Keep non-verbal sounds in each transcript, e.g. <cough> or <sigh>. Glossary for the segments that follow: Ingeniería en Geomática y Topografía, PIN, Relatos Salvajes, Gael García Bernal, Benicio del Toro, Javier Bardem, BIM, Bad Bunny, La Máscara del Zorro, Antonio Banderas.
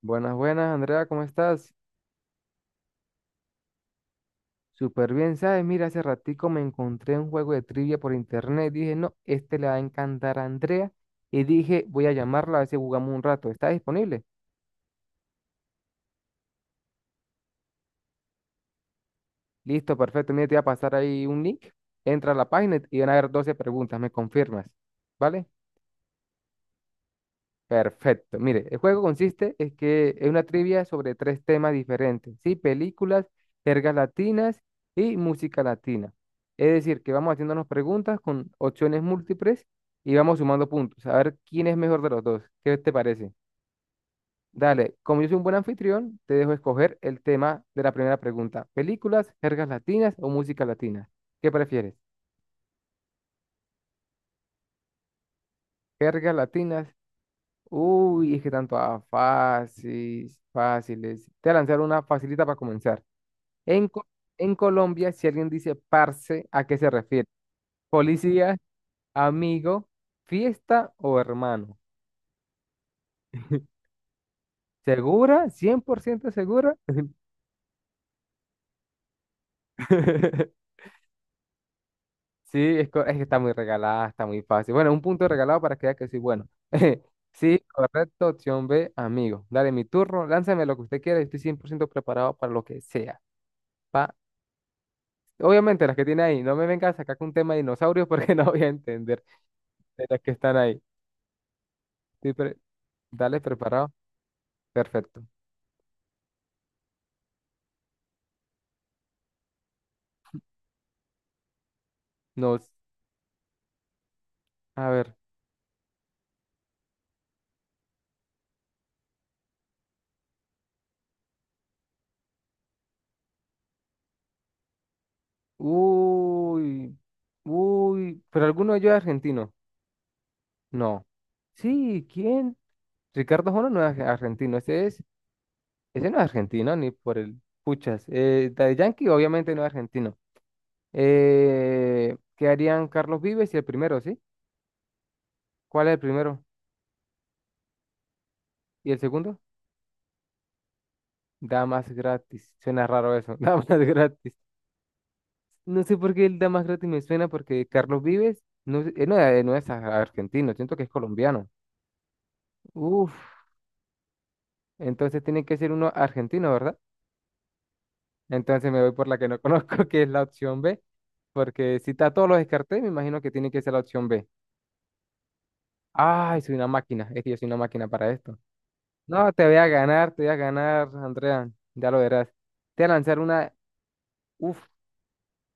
Buenas, buenas, Andrea, ¿cómo estás? Súper bien, ¿sabes? Mira, hace ratico me encontré un juego de trivia por internet. Dije, no, este le va a encantar a Andrea. Y dije, voy a llamarla a ver si jugamos un rato. ¿Está disponible? Listo, perfecto. Mira, te voy a pasar ahí un link. Entra a la página y van a haber 12 preguntas. ¿Me confirmas? ¿Vale? Perfecto. Mire, el juego consiste es que es una trivia sobre tres temas diferentes, ¿sí? Películas, jergas latinas y música latina. Es decir, que vamos haciéndonos preguntas con opciones múltiples y vamos sumando puntos, a ver quién es mejor de los dos. ¿Qué te parece? Dale, como yo soy un buen anfitrión, te dejo escoger el tema de la primera pregunta. ¿Películas, jergas latinas o música latina? ¿Qué prefieres? ¿Jergas latinas? Uy, es que tanto a fáciles, fáciles. Te voy a lanzar una facilita para comenzar. En, Co- en Colombia, si alguien dice parce, ¿a qué se refiere? Policía, amigo, fiesta o hermano. <laughs> ¿Segura? ¿100% segura? <laughs> Sí, es que está muy regalada, está muy fácil. Bueno, un punto regalado para que vea que soy bueno. <laughs> Sí, correcto, opción B, amigo. Dale, mi turno, lánzame lo que usted quiera, estoy 100% preparado para lo que sea. Obviamente las que tiene ahí, no me vengas a sacar con un tema de dinosaurios porque <laughs> no voy a entender de las que están ahí. Estoy pre- Dale, preparado. Perfecto. Nos, a ver. Uy, uy, pero alguno de ellos es argentino. No. Sí, ¿quién? Ricardo Jona no es argentino. Ese no es argentino, ni por el puchas. Daddy Yankee, obviamente no es argentino. ¿Qué harían Carlos Vives y el primero, sí? ¿Cuál es el primero? ¿Y el segundo? Damas Gratis. Suena raro eso. <laughs> Damas Gratis. No sé por qué el Damas Gratis me suena porque Carlos Vives no, él no, no es argentino, siento que es colombiano. Uf, entonces tiene que ser uno argentino, ¿verdad? Entonces me voy por la que no conozco, <laughs> que es la opción B, porque si está todos los descarté, me imagino que tiene que ser la opción B. Ay, soy una máquina, es que yo soy una máquina para esto. No, te voy a ganar, te voy a ganar, Andrea, ya lo verás. Te voy a lanzar una, uf,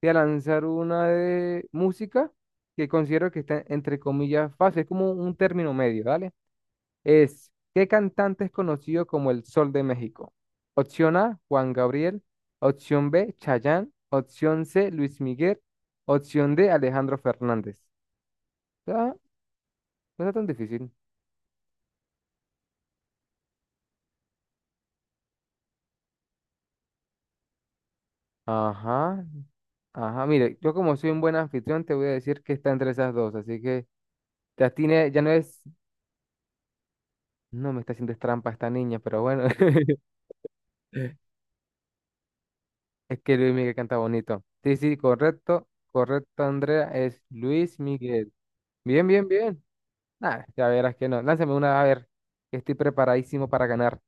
Te voy a lanzar una de música que considero que está entre comillas fácil, es como un término medio, ¿vale? ¿Qué cantante es conocido como el Sol de México? Opción A, Juan Gabriel. Opción B, Chayanne. Opción C, Luis Miguel. Opción D, Alejandro Fernández. Ah, no está tan difícil. Ajá, ajá. Mire, yo como soy un buen anfitrión, te voy a decir que está entre esas dos, así que ya tiene, ya no es, no me está haciendo trampa esta niña, pero bueno. <laughs> Es que Luis Miguel canta bonito. Sí, sí, correcto. Correcto, Andrea. Es Luis Miguel. Bien, bien, bien. Nah, ya verás que no. Lánzame una, a ver, que estoy preparadísimo para ganar.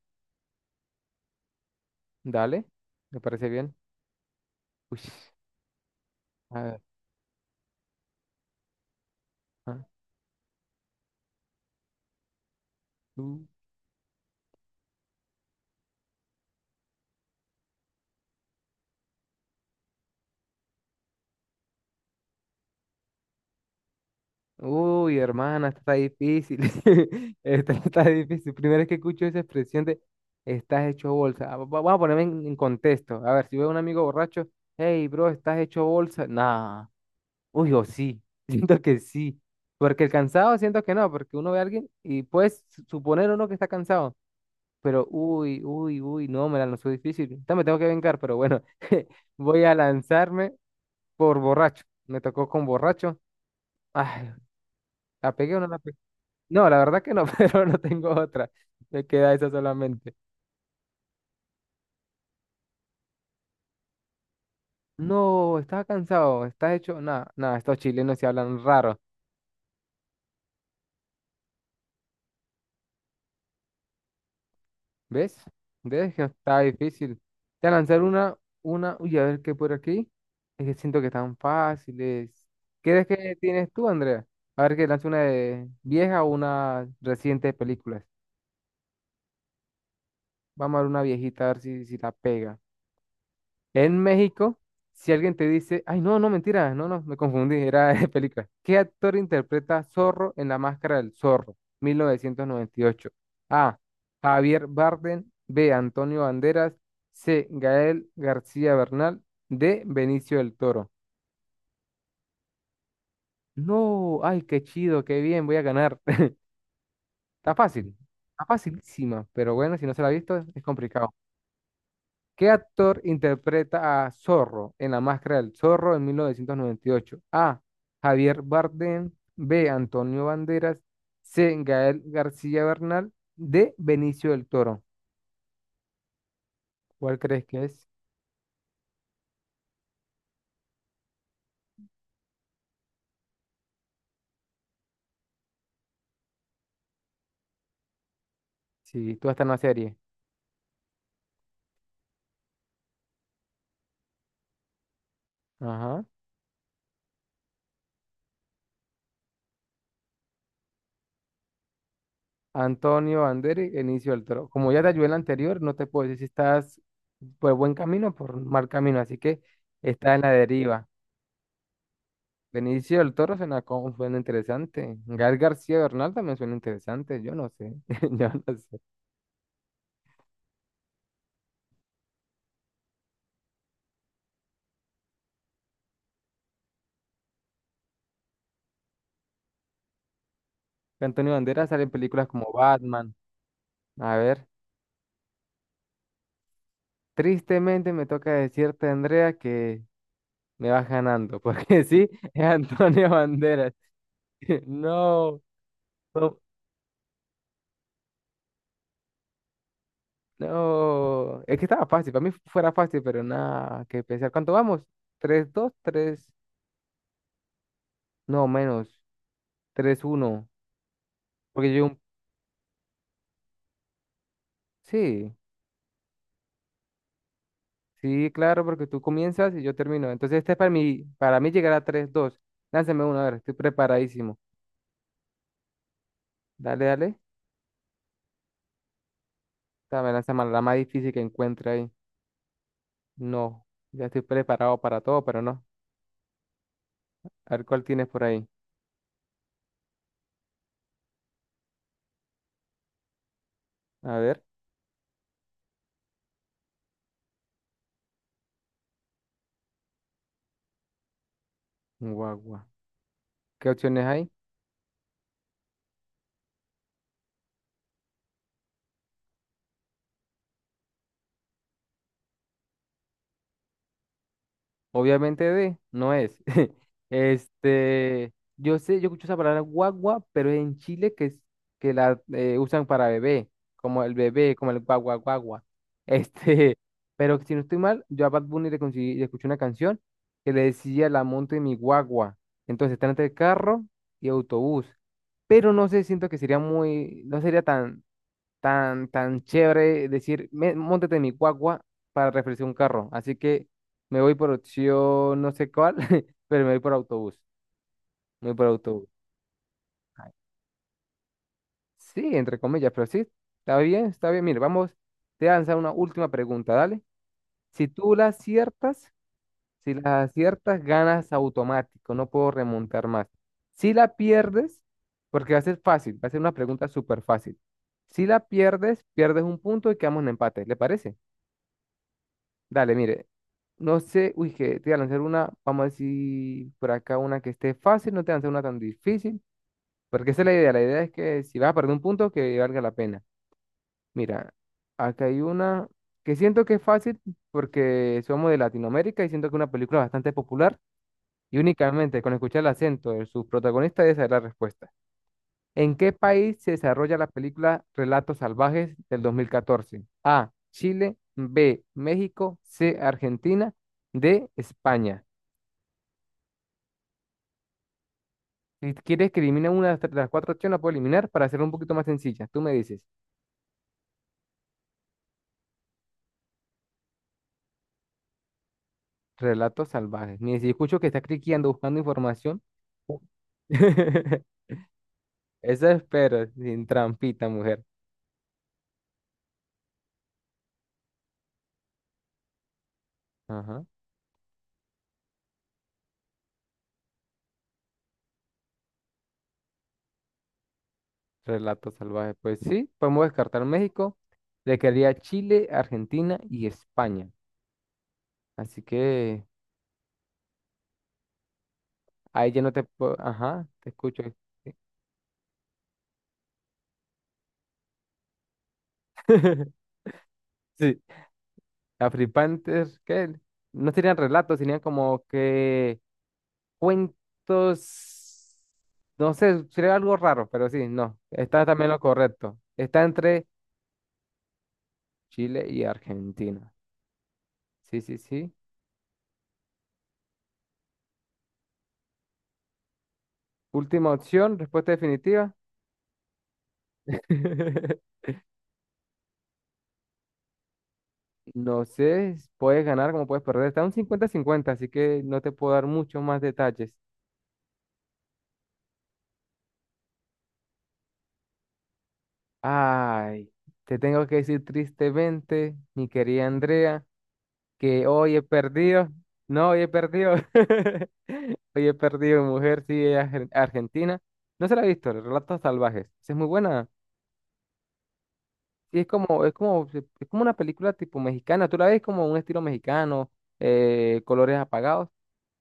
Dale. ¿Me parece bien? Uy, a ver. Ah, tú. Uy, hermana, esta está difícil. <laughs> Esta está difícil. Primera vez que escucho esa expresión de estás hecho bolsa. Vamos a ponerme en contexto. A ver, si veo a un amigo borracho, hey, bro, estás hecho bolsa. Nah. Uy, o sí, <laughs> siento que sí. Porque el cansado siento que no, porque uno ve a alguien y puedes suponer uno que está cansado. Pero uy, uy, uy, no, me la lanzó difícil. Esta me tengo que vengar, pero bueno, <laughs> voy a lanzarme por borracho. Me tocó con borracho. Ay, ¿la pegué o no la pegué? No, la verdad que no, <laughs> pero no tengo otra. Me queda esa solamente. No, estaba cansado, estás hecho. Nada, nada, estos chilenos se hablan raros. ¿Ves? ¿Ves que está difícil? Te voy a lanzar uy, a ver qué por aquí. Es que siento que están fáciles. ¿Qué es que tienes tú, Andrea? A ver que lance una de vieja o una reciente de películas. Vamos a ver una viejita, a ver si la pega. En México, si alguien te dice, ay, no, no, mentira, no, no, me confundí, era de película. ¿Qué actor interpreta a Zorro en La Máscara del Zorro, 1998? A. Javier Bardem. B. Antonio Banderas. C. Gael García Bernal. D. Benicio del Toro. No, ay, qué chido, qué bien, voy a ganar. <laughs> Está fácil, está facilísima, pero bueno, si no se la ha visto, es complicado. ¿Qué actor interpreta a Zorro en La Máscara del Zorro en 1998? A. Javier Bardem. B. Antonio Banderas. C. Gael García Bernal. D. Benicio del Toro. ¿Cuál crees que es? Sí, tú estás en la serie. Ajá. Antonio Banderas, Benicio del Toro. Como ya te ayudé en la anterior, no te puedo decir si estás por buen camino o por mal camino, así que estás en la deriva. Benicio del Toro suena, suena interesante. Gael García Bernal también suena interesante. Yo no sé. <laughs> Yo no sé. Antonio Banderas sale en películas como Batman. A ver. Tristemente me toca decirte, Andrea, que me vas ganando. Porque <laughs> sí, es Antonio Banderas. <laughs> No. No, no. Es que estaba fácil. Para mí fuera fácil, pero nada que pensar. ¿Cuánto vamos? Tres, dos, tres. No, menos. Tres uno. Porque yo. Sí. Sí, claro, porque tú comienzas y yo termino. Entonces, este es para mí llegar a tres, dos. Lánzame uno, a ver, estoy preparadísimo. Dale, dale. Dame, lánzame la más difícil que encuentre ahí. No, ya estoy preparado para todo, pero no. A ver cuál tienes por ahí. A ver, guagua. ¿Qué opciones hay? Obviamente de, no es. <laughs> Este, yo sé, yo escucho esa palabra guagua, pero es en Chile que es que la usan para bebé, como el guagua guagua. Este, <laughs> pero si no estoy mal, yo a Bad Bunny le escuché una canción que le decía la monte mi guagua. Entonces está entre carro y autobús. Pero no sé, siento que sería muy, no sería tan chévere decir, móntate en mi guagua para refrescar un carro". Así que me voy por opción no sé cuál, <laughs> pero me voy por autobús. Me voy por autobús. Ay, sí, entre comillas, pero sí, está bien, está bien. Mire, vamos, te voy a lanzar una última pregunta, dale. Si tú la aciertas, si la aciertas, ganas automático, no puedo remontar más. Si la pierdes, porque va a ser fácil, va a ser una pregunta súper fácil. Si la pierdes, pierdes un punto y quedamos en empate, ¿le parece? Dale, mire. No sé, uy, que te voy a lanzar una, vamos a decir por acá una que esté fácil, no te voy a lanzar una tan difícil, porque esa es la idea es que si vas a perder un punto, que valga la pena. Mira, acá hay una que siento que es fácil porque somos de Latinoamérica y siento que es una película bastante popular y únicamente con escuchar el acento de sus protagonistas es saber la respuesta. ¿En qué país se desarrolla la película Relatos Salvajes del 2014? A. Chile. B. México. C. Argentina. D. España. Si quieres que elimine una de las cuatro opciones, la puedo eliminar para hacerlo un poquito más sencilla. Tú me dices. Relatos Salvajes. Ni si escucho que está cliqueando buscando información. <laughs> Eso espero, sin trampita, mujer. Ajá. Relatos Salvajes. Pues sí, podemos descartar México. Le quedaría Chile, Argentina y España. Así que ahí ya no te puedo. Ajá, te escucho. <laughs> Sí, la Free Panther, ¿qué? No serían relatos, serían como que cuentos. No sé, sería algo raro, pero sí, no. Está también lo correcto. Está entre Chile y Argentina. Sí, sí, sí. Última opción, respuesta definitiva. <laughs> No sé, puedes ganar como puedes perder. Está un 50-50, así que no te puedo dar muchos más detalles. Ay, te tengo que decir tristemente, mi querida Andrea, que hoy he perdido. No, hoy he perdido. <laughs> Hoy he perdido mi mujer, sí, ella es argentina. No se la he visto, Los Relatos Salvajes. Sí, es muy buena. Sí, es como una película tipo mexicana. Tú la ves como un estilo mexicano, colores apagados,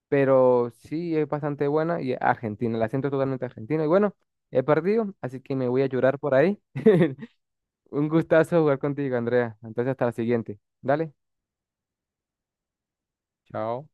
pero sí es bastante buena y argentina. La siento totalmente argentina. Y bueno, he perdido, así que me voy a llorar por ahí. <laughs> Un gustazo jugar contigo, Andrea. Entonces, hasta la siguiente. Dale, chao.